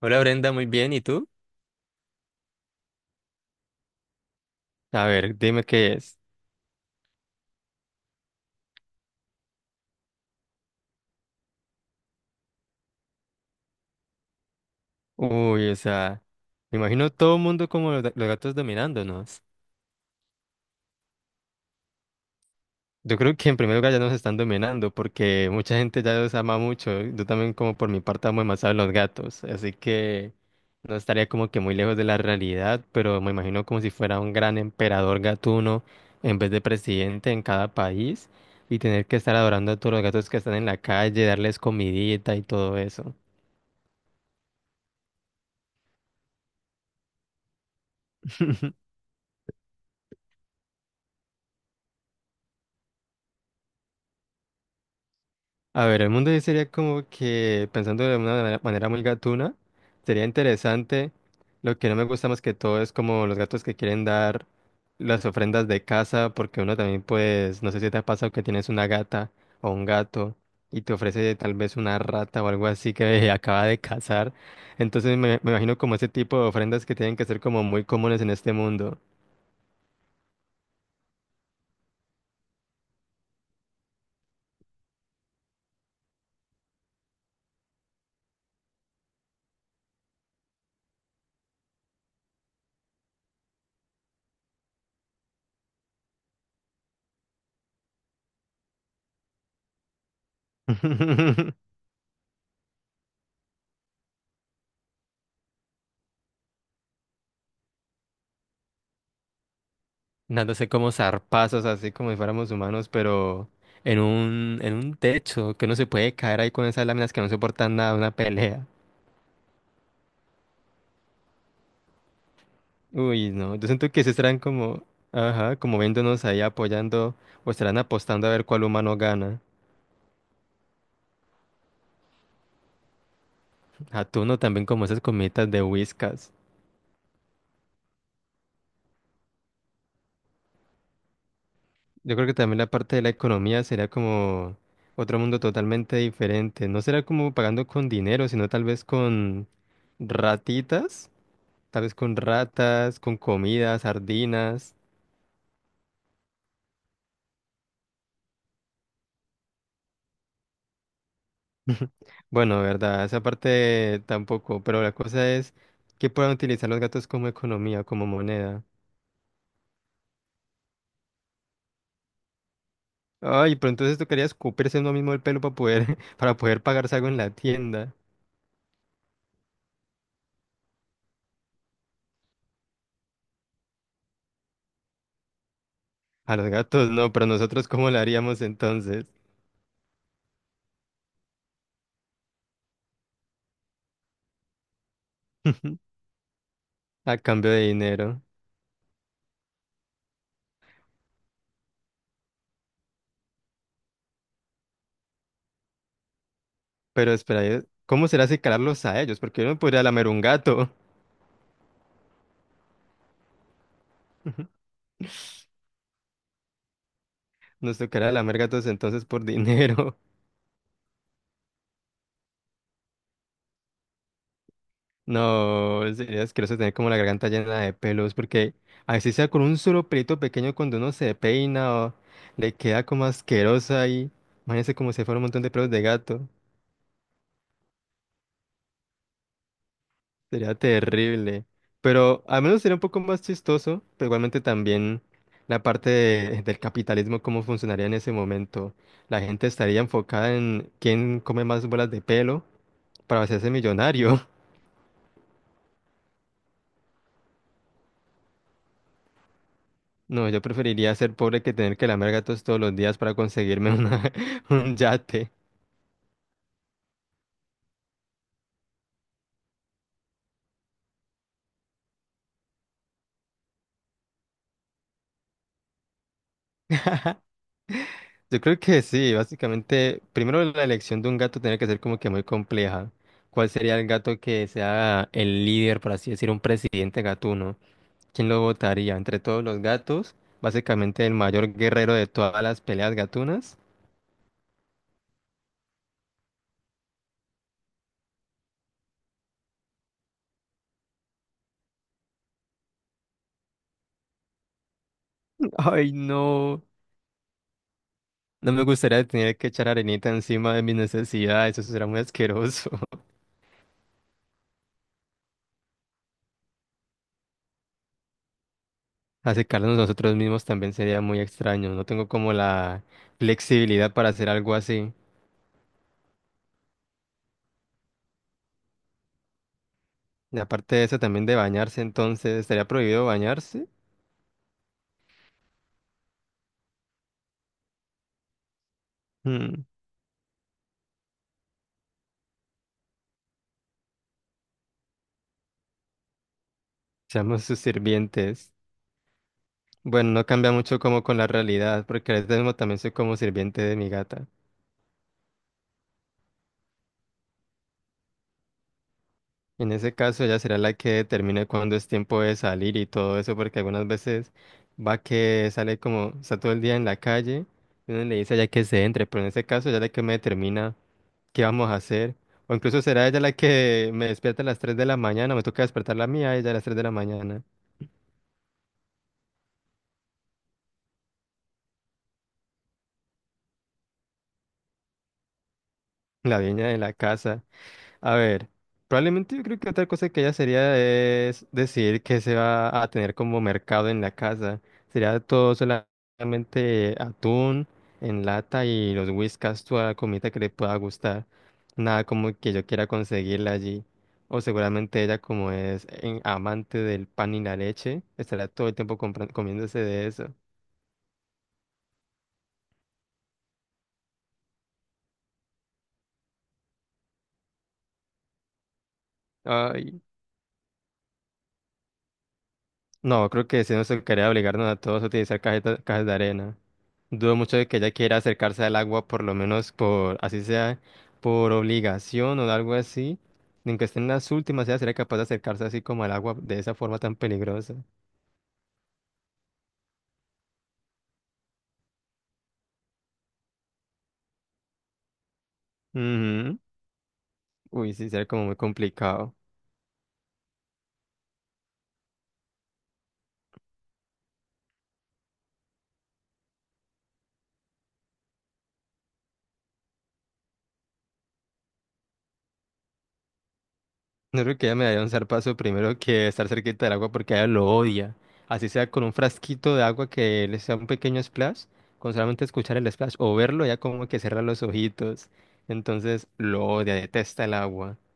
Hola Brenda, muy bien. ¿Y tú? A ver, dime qué es. Uy, o sea, me imagino todo el mundo como los, los gatos dominándonos. Yo creo que en primer lugar ya nos están dominando porque mucha gente ya los ama mucho. Yo también como por mi parte amo demasiado a los gatos. Así que no estaría como que muy lejos de la realidad, pero me imagino como si fuera un gran emperador gatuno en vez de presidente en cada país y tener que estar adorando a todos los gatos que están en la calle, darles comidita y todo eso. A ver, el mundo ahí sería como que, pensando de una manera muy gatuna, sería interesante. Lo que no me gusta más que todo es como los gatos que quieren dar las ofrendas de casa, porque uno también, pues, no sé si te ha pasado que tienes una gata o un gato y te ofrece tal vez una rata o algo así que acaba de cazar. Entonces me imagino como ese tipo de ofrendas que tienen que ser como muy comunes en este mundo. Dándose como zarpazos, así como si fuéramos humanos, pero en un techo, que uno se puede caer ahí con esas láminas que no soportan nada, una pelea. Uy, no, yo siento que se estarán como, ajá, como viéndonos ahí apoyando, o estarán apostando a ver cuál humano gana. Atuno también como esas comitas de Whiskas. Yo creo que también la parte de la economía sería como otro mundo totalmente diferente. No será como pagando con dinero, sino tal vez con ratitas. Tal vez con ratas, con comidas, sardinas. Bueno, verdad, esa parte tampoco, pero la cosa es que puedan utilizar los gatos como economía, como moneda. Ay, pero entonces tocaría escupirse uno mismo el pelo para poder, para poder pagarse algo en la tienda. A los gatos no, pero nosotros ¿cómo lo haríamos entonces? A cambio de dinero. Pero espera, ¿cómo será secarlos a ellos? Porque yo no podría lamer un gato. Nos tocará lamer gatos entonces por dinero. No, sería asqueroso tener como la garganta llena de pelos, porque así sea con un solo pelito pequeño cuando uno se peina o le queda como asquerosa ahí. Imagínense como si fuera un montón de pelos de gato. Sería terrible. Pero al menos sería un poco más chistoso, pero igualmente también la parte del capitalismo, cómo funcionaría en ese momento. La gente estaría enfocada en quién come más bolas de pelo para hacerse millonario. No, yo preferiría ser pobre que tener que lamer gatos todos los días para conseguirme una, un yate. Yo creo que sí, básicamente, primero la elección de un gato tiene que ser como que muy compleja. ¿Cuál sería el gato que sea el líder, por así decir, un presidente gatuno? ¿Quién lo votaría? Entre todos los gatos, básicamente el mayor guerrero de todas las peleas gatunas. Ay, no. No me gustaría tener que echar arenita encima de mis necesidades, eso será muy asqueroso. Acercarnos nosotros mismos también sería muy extraño. No tengo como la flexibilidad para hacer algo así. Y aparte de eso, también de bañarse, entonces, ¿estaría prohibido bañarse? Mm, Seamos sus sirvientes. Bueno, no cambia mucho como con la realidad, porque ahora mismo también soy como sirviente de mi gata. En ese caso, ella será la que determine cuándo es tiempo de salir y todo eso, porque algunas veces va que sale como, está todo el día en la calle, y uno le dice ya que se entre, pero en ese caso, ya la que me determina. ¿Qué vamos a hacer? O incluso será ella la que me despierta a las 3 de la mañana, me toca despertar la mía, a ella a las 3 de la mañana, la dueña de la casa. A ver, probablemente yo creo que otra cosa que ella sería es decidir qué se va a tener como mercado en la casa. Sería todo solamente atún en lata y los whiskas, toda la comida que le pueda gustar. Nada como que yo quiera conseguirla allí. O seguramente ella como es amante del pan y la leche, estará todo el tiempo comiéndose de eso. No, creo que si no se quería obligarnos a todos a utilizar cajas de arena. Dudo mucho de que ella quiera acercarse al agua, por lo menos por, así sea, por obligación o algo así. Ni aunque esté en las últimas, ella sería capaz de acercarse así como al agua de esa forma tan peligrosa. Ujú. Uy, sí, sería como muy complicado. No creo que ella me daría un zarpazo primero que estar cerquita del agua porque ella lo odia. Así sea con un frasquito de agua que le sea un pequeño splash, con solamente escuchar el splash o verlo, ya como que cierra los ojitos. Entonces lo odia, detesta el agua.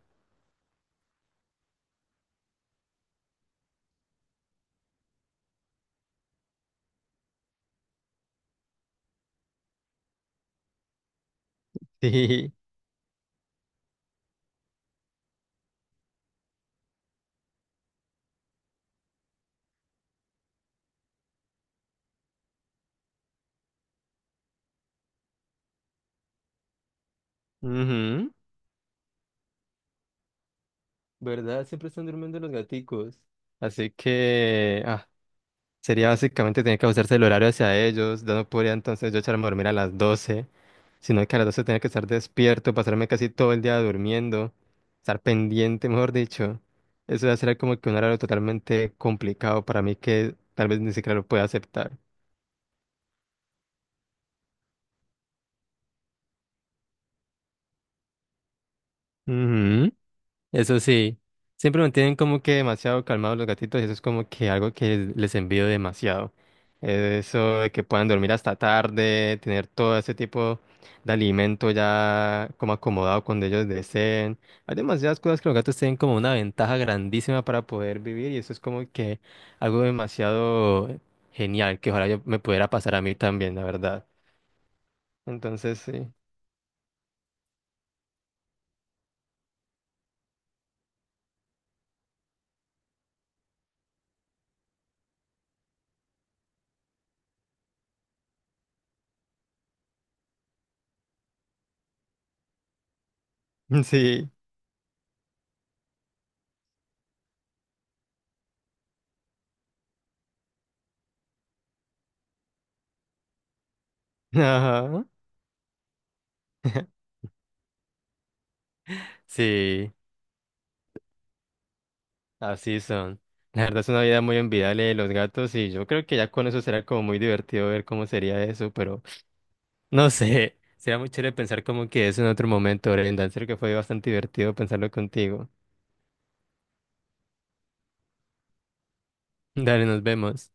Sí. Ujú. ¿Verdad? Siempre están durmiendo los gaticos. Así que, sería básicamente tener que ajustarse el horario hacia ellos. Yo no podría entonces yo echarme a dormir a las 12, sino que a las 12 tenía que estar despierto, pasarme casi todo el día durmiendo, estar pendiente, mejor dicho. Eso va a ser como que un horario totalmente complicado para mí que tal vez ni siquiera lo pueda aceptar. Ujú. Eso sí, siempre me tienen como que demasiado calmados los gatitos y eso es como que algo que les envío demasiado. Eso de que puedan dormir hasta tarde, tener todo ese tipo de alimento ya como acomodado cuando ellos deseen. Hay demasiadas cosas que los gatos tienen como una ventaja grandísima para poder vivir y eso es como que algo demasiado genial que ojalá yo me pudiera pasar a mí también, la verdad. Entonces sí, sí, ajá, sí. Así son. La verdad es una vida muy envidiable de los gatos y yo creo que ya con eso será como muy divertido ver cómo sería eso, pero no sé, será muy chévere pensar como que eso en otro momento, Brenda. En serio que fue bastante divertido pensarlo contigo. Dale, nos vemos.